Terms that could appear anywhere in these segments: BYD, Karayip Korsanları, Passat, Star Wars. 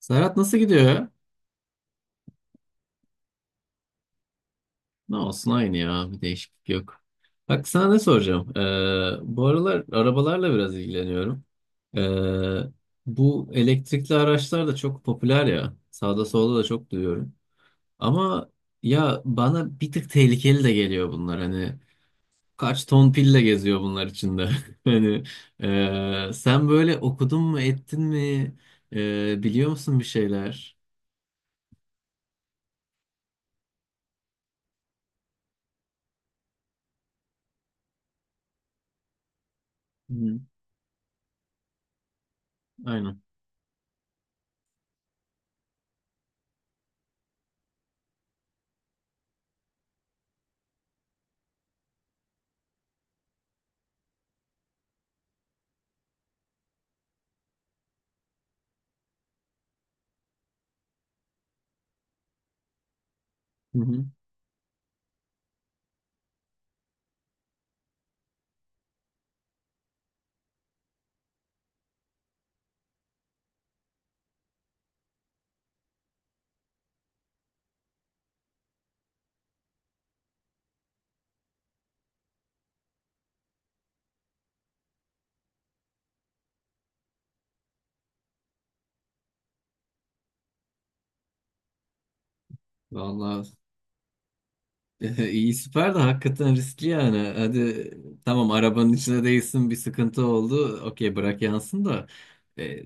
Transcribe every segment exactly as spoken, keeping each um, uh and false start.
Serhat nasıl gidiyor? Ne olsun aynı ya. Bir değişiklik yok. Bak sana ne soracağım? Ee, bu aralar arabalarla biraz ilgileniyorum. Ee, bu elektrikli araçlar da çok popüler ya. Sağda solda da çok duyuyorum. Ama ya bana bir tık tehlikeli de geliyor bunlar. Hani kaç ton pille geziyor bunlar içinde. Hani ee, sen böyle okudun mu ettin mi? Ee, biliyor musun bir şeyler? Hı hı. Aynen. Hı hı. Vallahi. İyi, süper de hakikaten riskli yani. Hadi tamam arabanın içine değilsin, bir sıkıntı oldu. Okey, bırak yansın da e,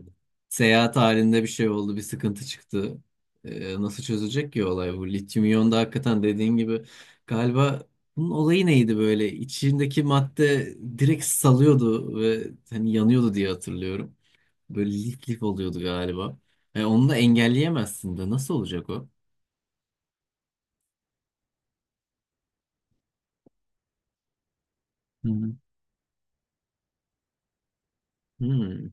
seyahat halinde bir şey oldu, bir sıkıntı çıktı. E, nasıl çözecek ki olay bu? Lityum iyon da hakikaten dediğin gibi galiba, bunun olayı neydi böyle? İçindeki madde direkt salıyordu ve hani yanıyordu diye hatırlıyorum. Böyle lif lif oluyordu galiba. E, onu da engelleyemezsin de nasıl olacak o? Hı hı. Hmm.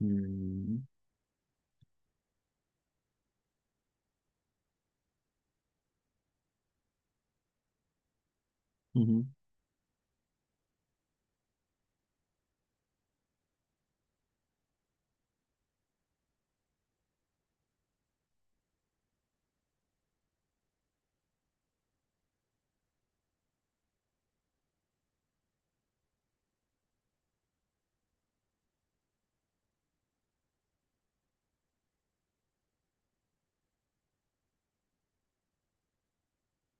Hmm. Hı hı.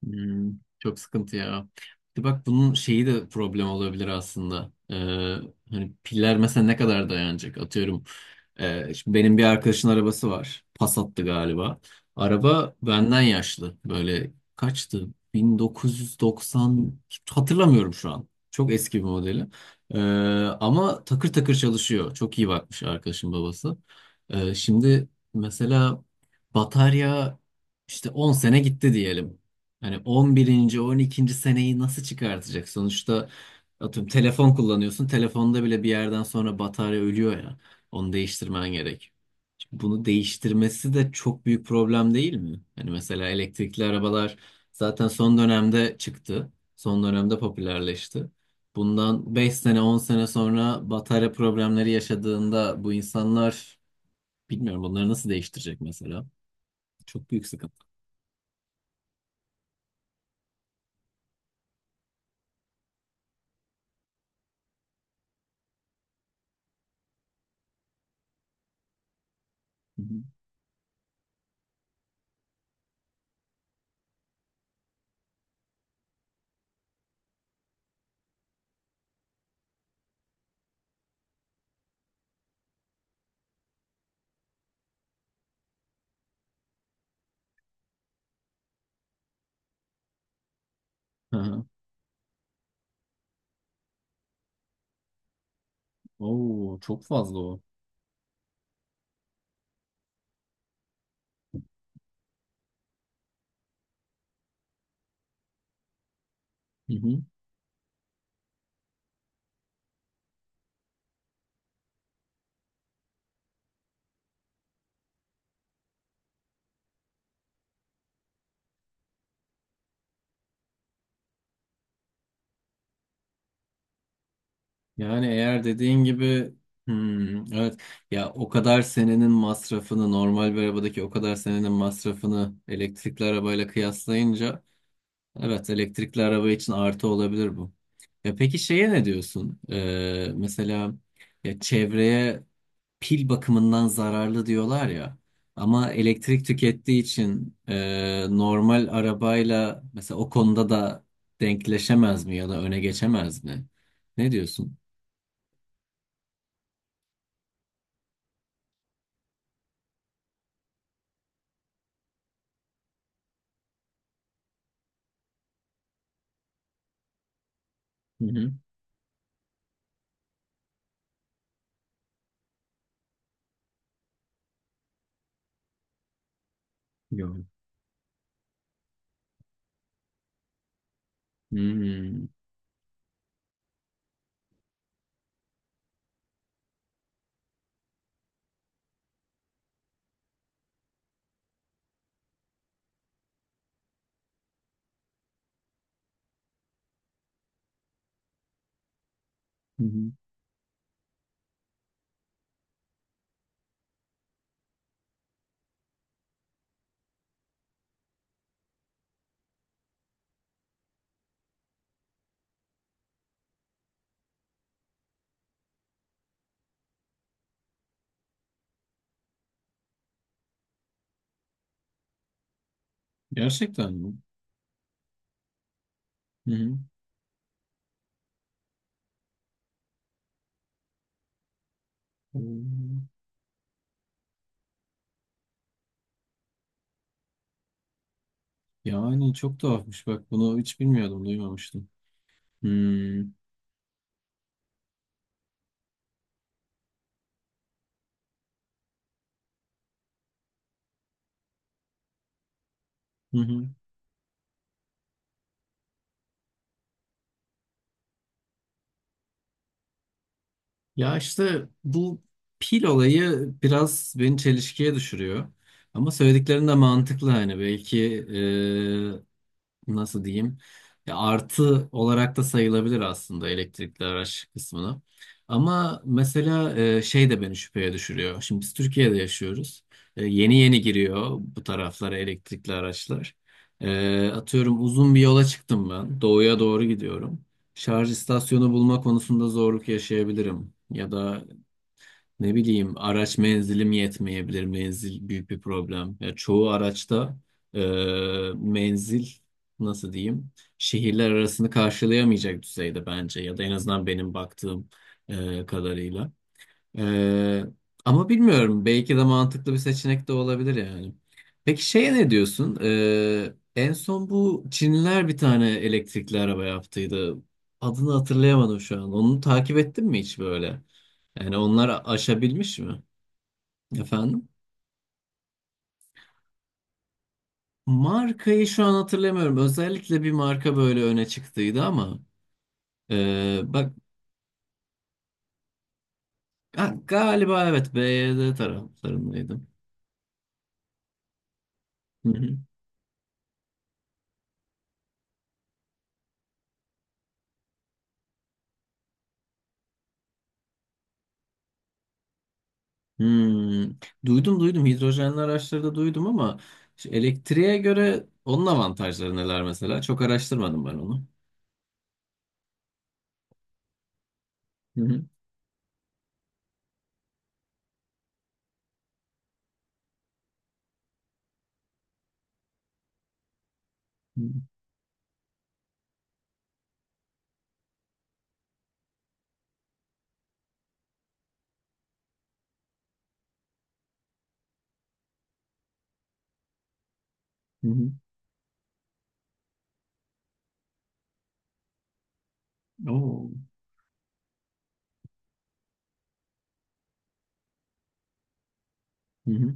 Hmm, çok sıkıntı ya. Bir de bak, bunun şeyi de problem olabilir aslında. Ee, hani piller mesela ne kadar dayanacak? Atıyorum. e, şimdi benim bir arkadaşın arabası var. Passat'tı galiba. Araba benden yaşlı. Böyle kaçtı? bin dokuz yüz doksan, hatırlamıyorum şu an. Çok eski bir modeli. Ee, ama takır takır çalışıyor. Çok iyi bakmış arkadaşın babası. Ee, şimdi mesela batarya işte on sene gitti diyelim. Hani on birinci, on ikinci seneyi nasıl çıkartacak? Sonuçta atıyorum telefon kullanıyorsun. Telefonda bile bir yerden sonra batarya ölüyor ya. Onu değiştirmen gerek. Şimdi Bunu değiştirmesi de çok büyük problem değil mi? Hani mesela elektrikli arabalar zaten son dönemde çıktı. Son dönemde popülerleşti. Bundan beş sene on sene sonra batarya problemleri yaşadığında bu insanlar, bilmiyorum, bunları nasıl değiştirecek mesela? Çok büyük sıkıntı. Hı hı. Hı hı. Oo, çok fazla o. Yani eğer dediğin gibi, hmm, evet, ya o kadar senenin masrafını, normal bir arabadaki o kadar senenin masrafını elektrikli arabayla kıyaslayınca, evet, elektrikli araba için artı olabilir bu. Ya peki, şeye ne diyorsun? Ee, mesela, ya çevreye pil bakımından zararlı diyorlar ya. Ama elektrik tükettiği için e, normal arabayla mesela o konuda da denkleşemez mi, ya da öne geçemez mi? Ne diyorsun? Yok. Hmm. Hı hı. Gerçekten mi? Hı hı. Hmm. Yani çok tuhafmış, bak bunu hiç bilmiyordum, duymamıştım. Hmm. Hı hı. Ya işte bu pil olayı biraz beni çelişkiye düşürüyor. Ama söylediklerin de mantıklı, hani belki, nasıl diyeyim, ya artı olarak da sayılabilir aslında elektrikli araç kısmına. Ama mesela e, şey de beni şüpheye düşürüyor. Şimdi biz Türkiye'de yaşıyoruz. E, yeni yeni giriyor bu taraflara elektrikli araçlar. E, atıyorum uzun bir yola çıktım ben. Doğuya doğru gidiyorum. Şarj istasyonu bulma konusunda zorluk yaşayabilirim. Ya da ne bileyim, araç menzilim yetmeyebilir. Menzil büyük bir problem. Ya çoğu araçta e, menzil, nasıl diyeyim, şehirler arasını karşılayamayacak düzeyde bence, ya da en azından benim baktığım e, kadarıyla. Ee, ama bilmiyorum. Belki de mantıklı bir seçenek de olabilir yani. Peki şeye ne diyorsun? Ee, en son bu Çinliler bir tane elektrikli araba yaptıydı. Adını hatırlayamadım şu an. Onu takip ettin mi hiç böyle? Yani onlar aşabilmiş mi? Efendim? Markayı şu an hatırlamıyorum. Özellikle bir marka böyle öne çıktıydı ama ee, bak. Ha, galiba evet, B Y D taraflarındaydım. Hmm. Duydum duydum, hidrojenli araçlarda duydum, ama şu elektriğe göre onun avantajları neler mesela? Çok araştırmadım ben onu. Hı hı. Hı hı. Oo. Hı hı.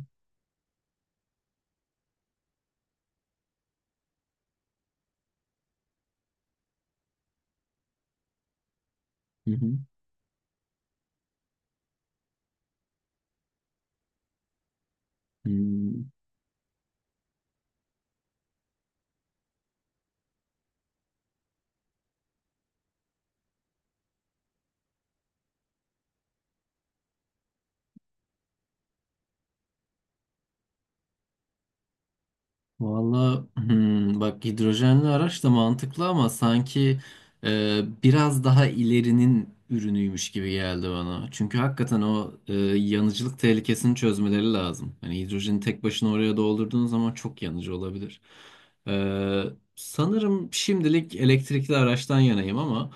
Hı hı. Hmm. Valla, hmm, bak, hidrojenli araç da mantıklı ama sanki e, biraz daha ilerinin ürünüymüş gibi geldi bana. Çünkü hakikaten o, e, yanıcılık tehlikesini çözmeleri lazım. Hani hidrojeni tek başına oraya doldurduğun zaman çok yanıcı olabilir. E, sanırım şimdilik elektrikli araçtan yanayım ama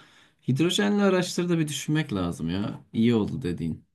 hidrojenli araçları da bir düşünmek lazım ya. İyi oldu dediğin.